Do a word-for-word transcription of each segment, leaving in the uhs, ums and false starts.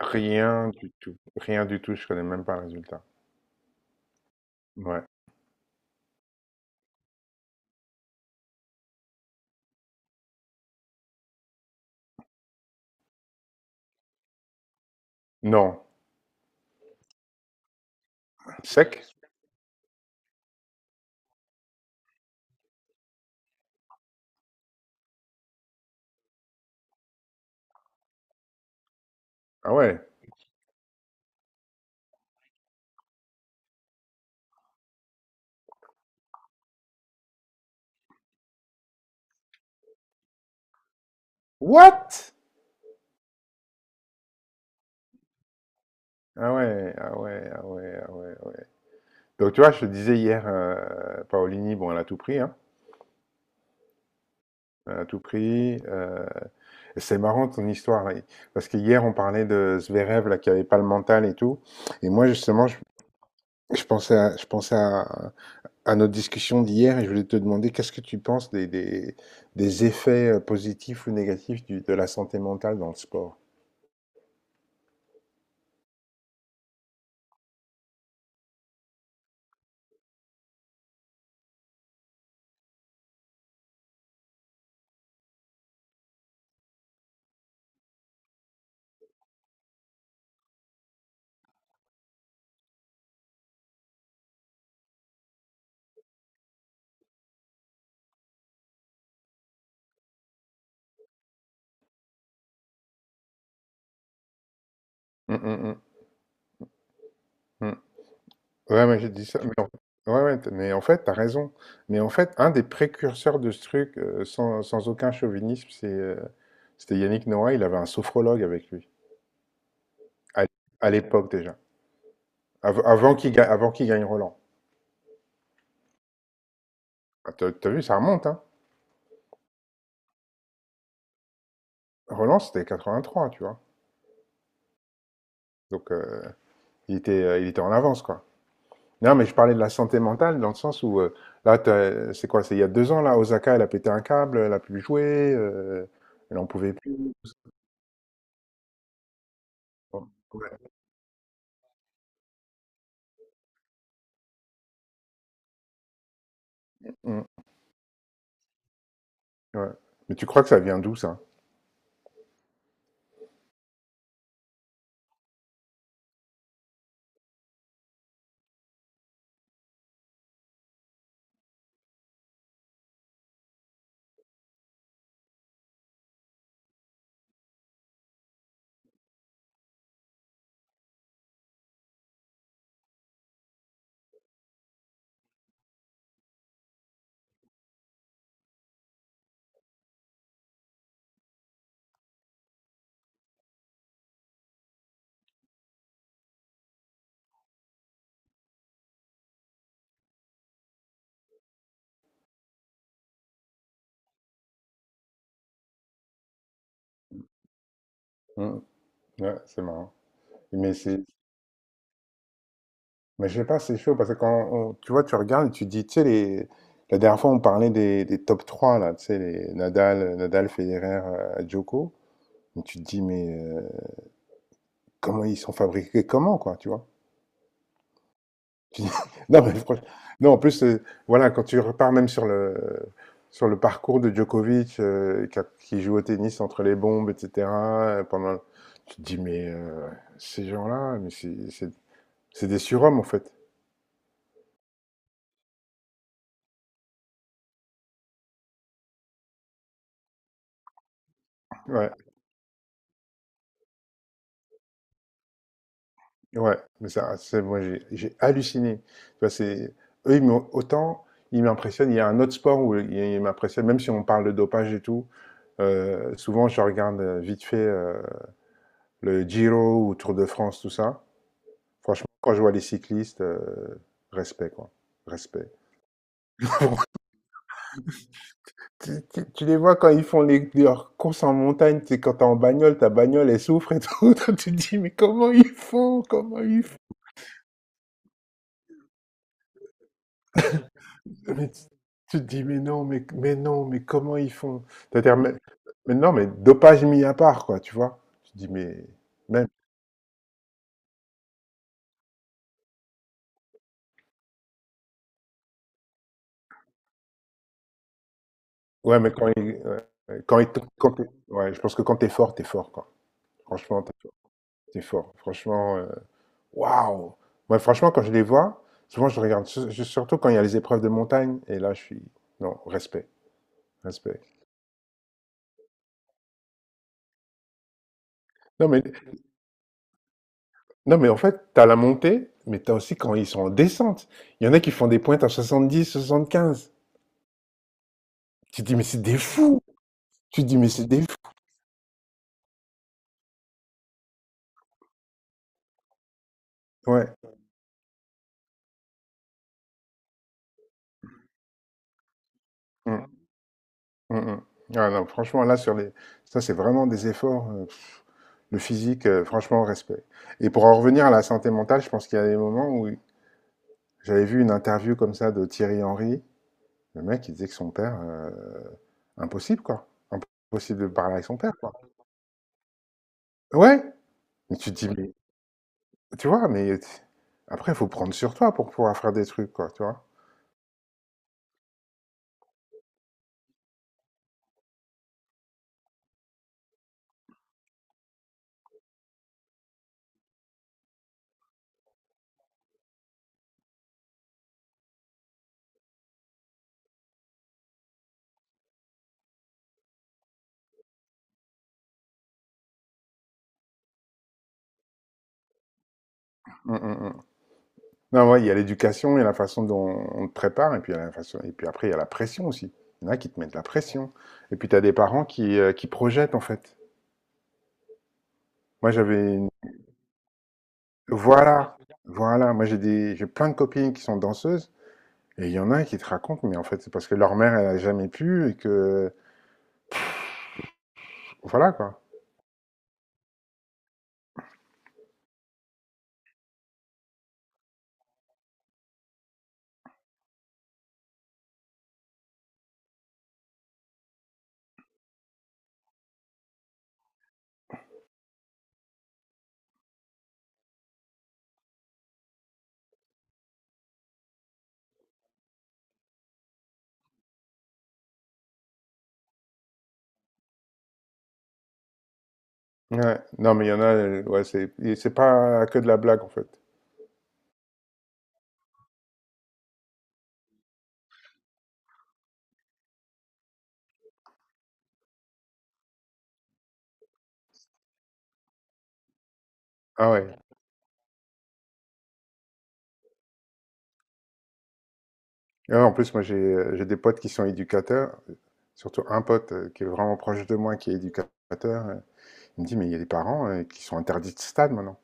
Rien du tout. Rien du tout, je connais même pas le résultat. Ouais. Non. Sec? Ah ouais. What? Ah ouais, ah ouais, ah ouais, ah ouais, ah ouais. Donc tu vois, je te disais hier, euh, Paolini, bon, elle a tout pris, hein. Elle a tout pris. euh, C'est marrant ton histoire, là. Parce que hier, on parlait de Zverev, là, qui avait pas le mental et tout. Et moi, justement, je, je pensais à, je pensais à, à notre discussion d'hier et je voulais te demander qu'est-ce que tu penses des, des, des effets, euh, positifs ou négatifs du- de la santé mentale dans le sport? Mmh, mmh, mmh, mmh. Ouais, ouais, j'ai dit ça, mais en ouais, ouais, t mais en fait, t'as raison. Mais en fait, un des précurseurs de ce truc, heu, sans sans aucun chauvinisme, c'est, heu, c'était Yannick Noah, il avait un sophrologue avec lui, à à l'époque déjà, av avant qu'il ga avant qu'il gagne Roland. Ah, tu as vu, ça remonte, hein? Roland, c'était quatre-vingt-trois, tu vois? Donc heu, il était, heu, il était en avance, quoi. Non, mais je parlais de la santé mentale dans le sens où, heu, là, tu c'est quoi? C'est il y a deux ans, là, Osaka, elle a pété un câble, elle a plus joué, heu, elle en pouvait plus. Ouais. Mmh. Ouais. Mais tu crois que ça vient d'où ça? Mmh. Ouais, c'est marrant. Mais c'est mais je sais pas, c'est chaud parce que quand on tu vois, tu regardes et tu dis, tu sais les la dernière fois on parlait des, des top trois là, tu sais les Nadal, euh, Nadal, Federer, euh, Djoko. Et tu te dis mais euh, comment ils sont fabriqués comment quoi, tu vois? Puis- non, mais franch- non, en plus, euh, voilà, quand tu repars même sur le, sur le parcours de Djokovic, euh, qui, a- qui joue au tennis entre les bombes, et cetera, euh, pendant, tu te dis, mais euh, ces gens-là, mais c'est c'est- c'est des surhommes, en fait. Ouais, ouais, mais ça, c'est, moi, j'ai j'ai halluciné. Tu vois, c'est, eux, ils m'ont- autant, ils m'impressionnent. Il y a un autre sport où ils ils m'impressionnent, même si on parle de dopage et tout. Euh, souvent, je regarde euh, vite fait euh, le Giro ou Tour de France, tout ça. Franchement, quand je vois les cyclistes, euh, respect, quoi. Respect. Tu, tu- tu les vois quand ils font les, leurs courses en montagne, tu sais, quand t'es en bagnole, ta bagnole, elle souffre et tout. Toi, tu te dis, mais comment ils font? Comment ils font? Mais tu, tu te dis, mais non, mais, mais non, mais comment ils font? C'est-à-dire, mais, mais non, mais dopage mis à part, quoi, tu vois? Tu te dis, mais même. Ouais, mais quand ils. Ouais, ouais, quand ils te- quand t'es- ouais, je pense que quand t'es fort, t'es fort, quoi. Franchement, t'es fort. T'es fort. Franchement. euh, Waouh! Ouais, franchement, quand je les vois, souvent je regarde, su- su- surtout quand il y a les épreuves de montagne, et là je suis. Non, respect, respect. Non, mais, non, mais en fait, tu as la montée, mais tu as aussi quand ils sont en descente. Il y en a qui font des pointes à soixante-dix, soixante-quinze. Tu te dis, mais c'est des fous! Tu te dis, mais c'est des fous! Ouais. Mm, mm, mm. Ah non, franchement, là, sur les. Ça, c'est vraiment des efforts. Euh, pff, le physique, euh, franchement, respect. Et pour en revenir à la santé mentale, je pense qu'il y a des moments où j'avais vu une interview comme ça de Thierry Henry. Le mec, il disait que son père, heu, impossible, quoi. Impossible de parler avec son père, quoi. Ouais, mais tu te dis: «Mais» tu vois? Mais t après, il faut prendre sur toi pour pouvoir faire des trucs, quoi, tu vois? Mmh mh mh. Non, ouais, il y a l'éducation, il y a la façon dont on te prépare et puis il y a la façon et puis après, il y a la pression aussi. Il y en a qui te mettent la pression et puis tu as des parents qui, heu, qui projettent, en fait. Moi, j'avais une voilà, voilà, moi, j'ai des j'ai plein de copines qui sont danseuses et il y en a qui te racontent, mais en fait, c'est parce que leur mère, elle a jamais pu et que voilà, quoi. Ouais. Non, mais il y en a, euh, ouais, c'est et c'est pas que de la blague en fait. Ah ouais. Et ouais, en plus, moi j'ai euh, j'ai des potes qui sont éducateurs, euh, surtout un pote euh, qui est vraiment proche de moi qui est éducateur. euh, Il me dit, mais il y a des parents euh, qui sont interdits de stade maintenant.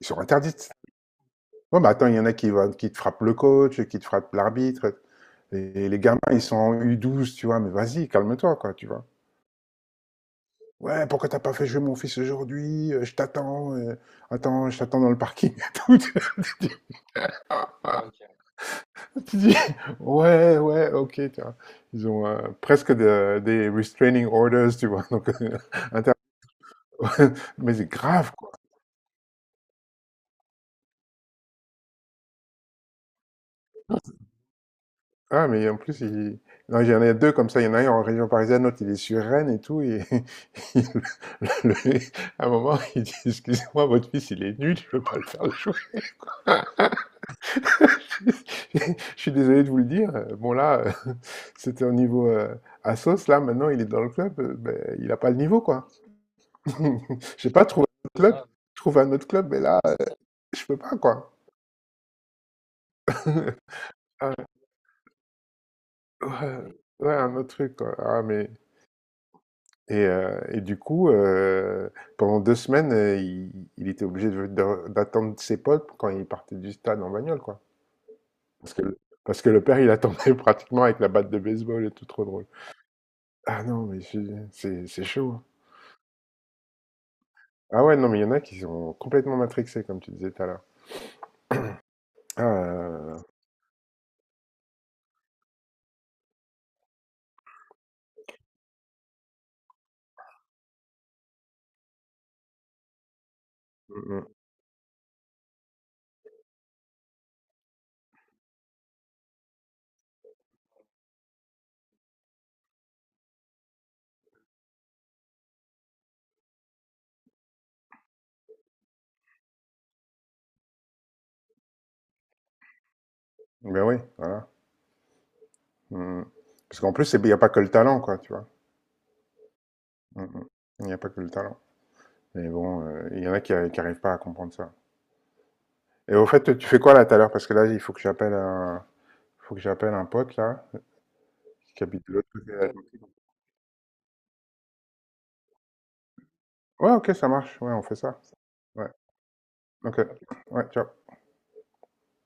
Ils sont interdits de stade. Ouais, mais attends, il y en a qui, vont- qui te frappent le coach, qui te frappent l'arbitre. Et les gamins, ils sont en U douze, tu vois, mais vas-y, calme-toi, quoi, tu vois. Ouais, pourquoi t'as pas fait jouer mon fils aujourd'hui? Euh, Je t'attends, euh, attends, je t'attends dans le parking et tout. Tu dis, ouais, ouais, ok, tu vois. Ils ont euh, presque de- des restraining orders, tu vois. Donc, euh, inter- mais c'est grave, quoi. Ah, mais en plus, il... non, il y en a deux comme ça. Il y en a un en région parisienne, l'autre, il est sur Rennes et tout. Et il- le- le- à un moment, il dit, excusez-moi, votre fils, il est nul, je ne veux pas le faire jouer. Je suis désolé de vous le dire. Bon, là, euh, c'était au niveau euh, Assos. Là, maintenant, il est dans le club. Euh, ben, il n'a pas le niveau, quoi. J'ai pas trouvé un autre club. Ah, Je trouve un autre club, mais là, euh, je peux pas, quoi. Ah, ouais, ouais, un autre truc, quoi. Ah, mais... Et, euh, et du coup, euh, pendant deux semaines, euh, il, il était obligé de- de- d'attendre ses potes quand il partait du stade en bagnole, quoi. Parce que, le- parce que le père, il attendait pratiquement avec la batte de baseball et tout, trop drôle. Ah non, mais je- c'est c'est chaud, hein. Ah ouais, non, mais il y en a qui sont complètement matrixés, comme tu disais tout à l'heure. Ah, euh, mm, mm. Ben oui, voilà. Mmh. Parce qu'en plus, il n'y a pas que le talent, quoi, tu vois. Mmh, mmh. Il n'y a pas que le talent. Mais bon, euh, il y en a qui n'arrivent pas à comprendre ça. Et au fait, tu fais quoi là tout à l'heure? Parce que là, il faut que j'appelle un... faut que j'appelle un pote là, qui habite de l'autre côté de l'Atlantique. Ouais, ok, ça marche. Ouais, on fait ça. Ouais, ok. Ouais, ciao.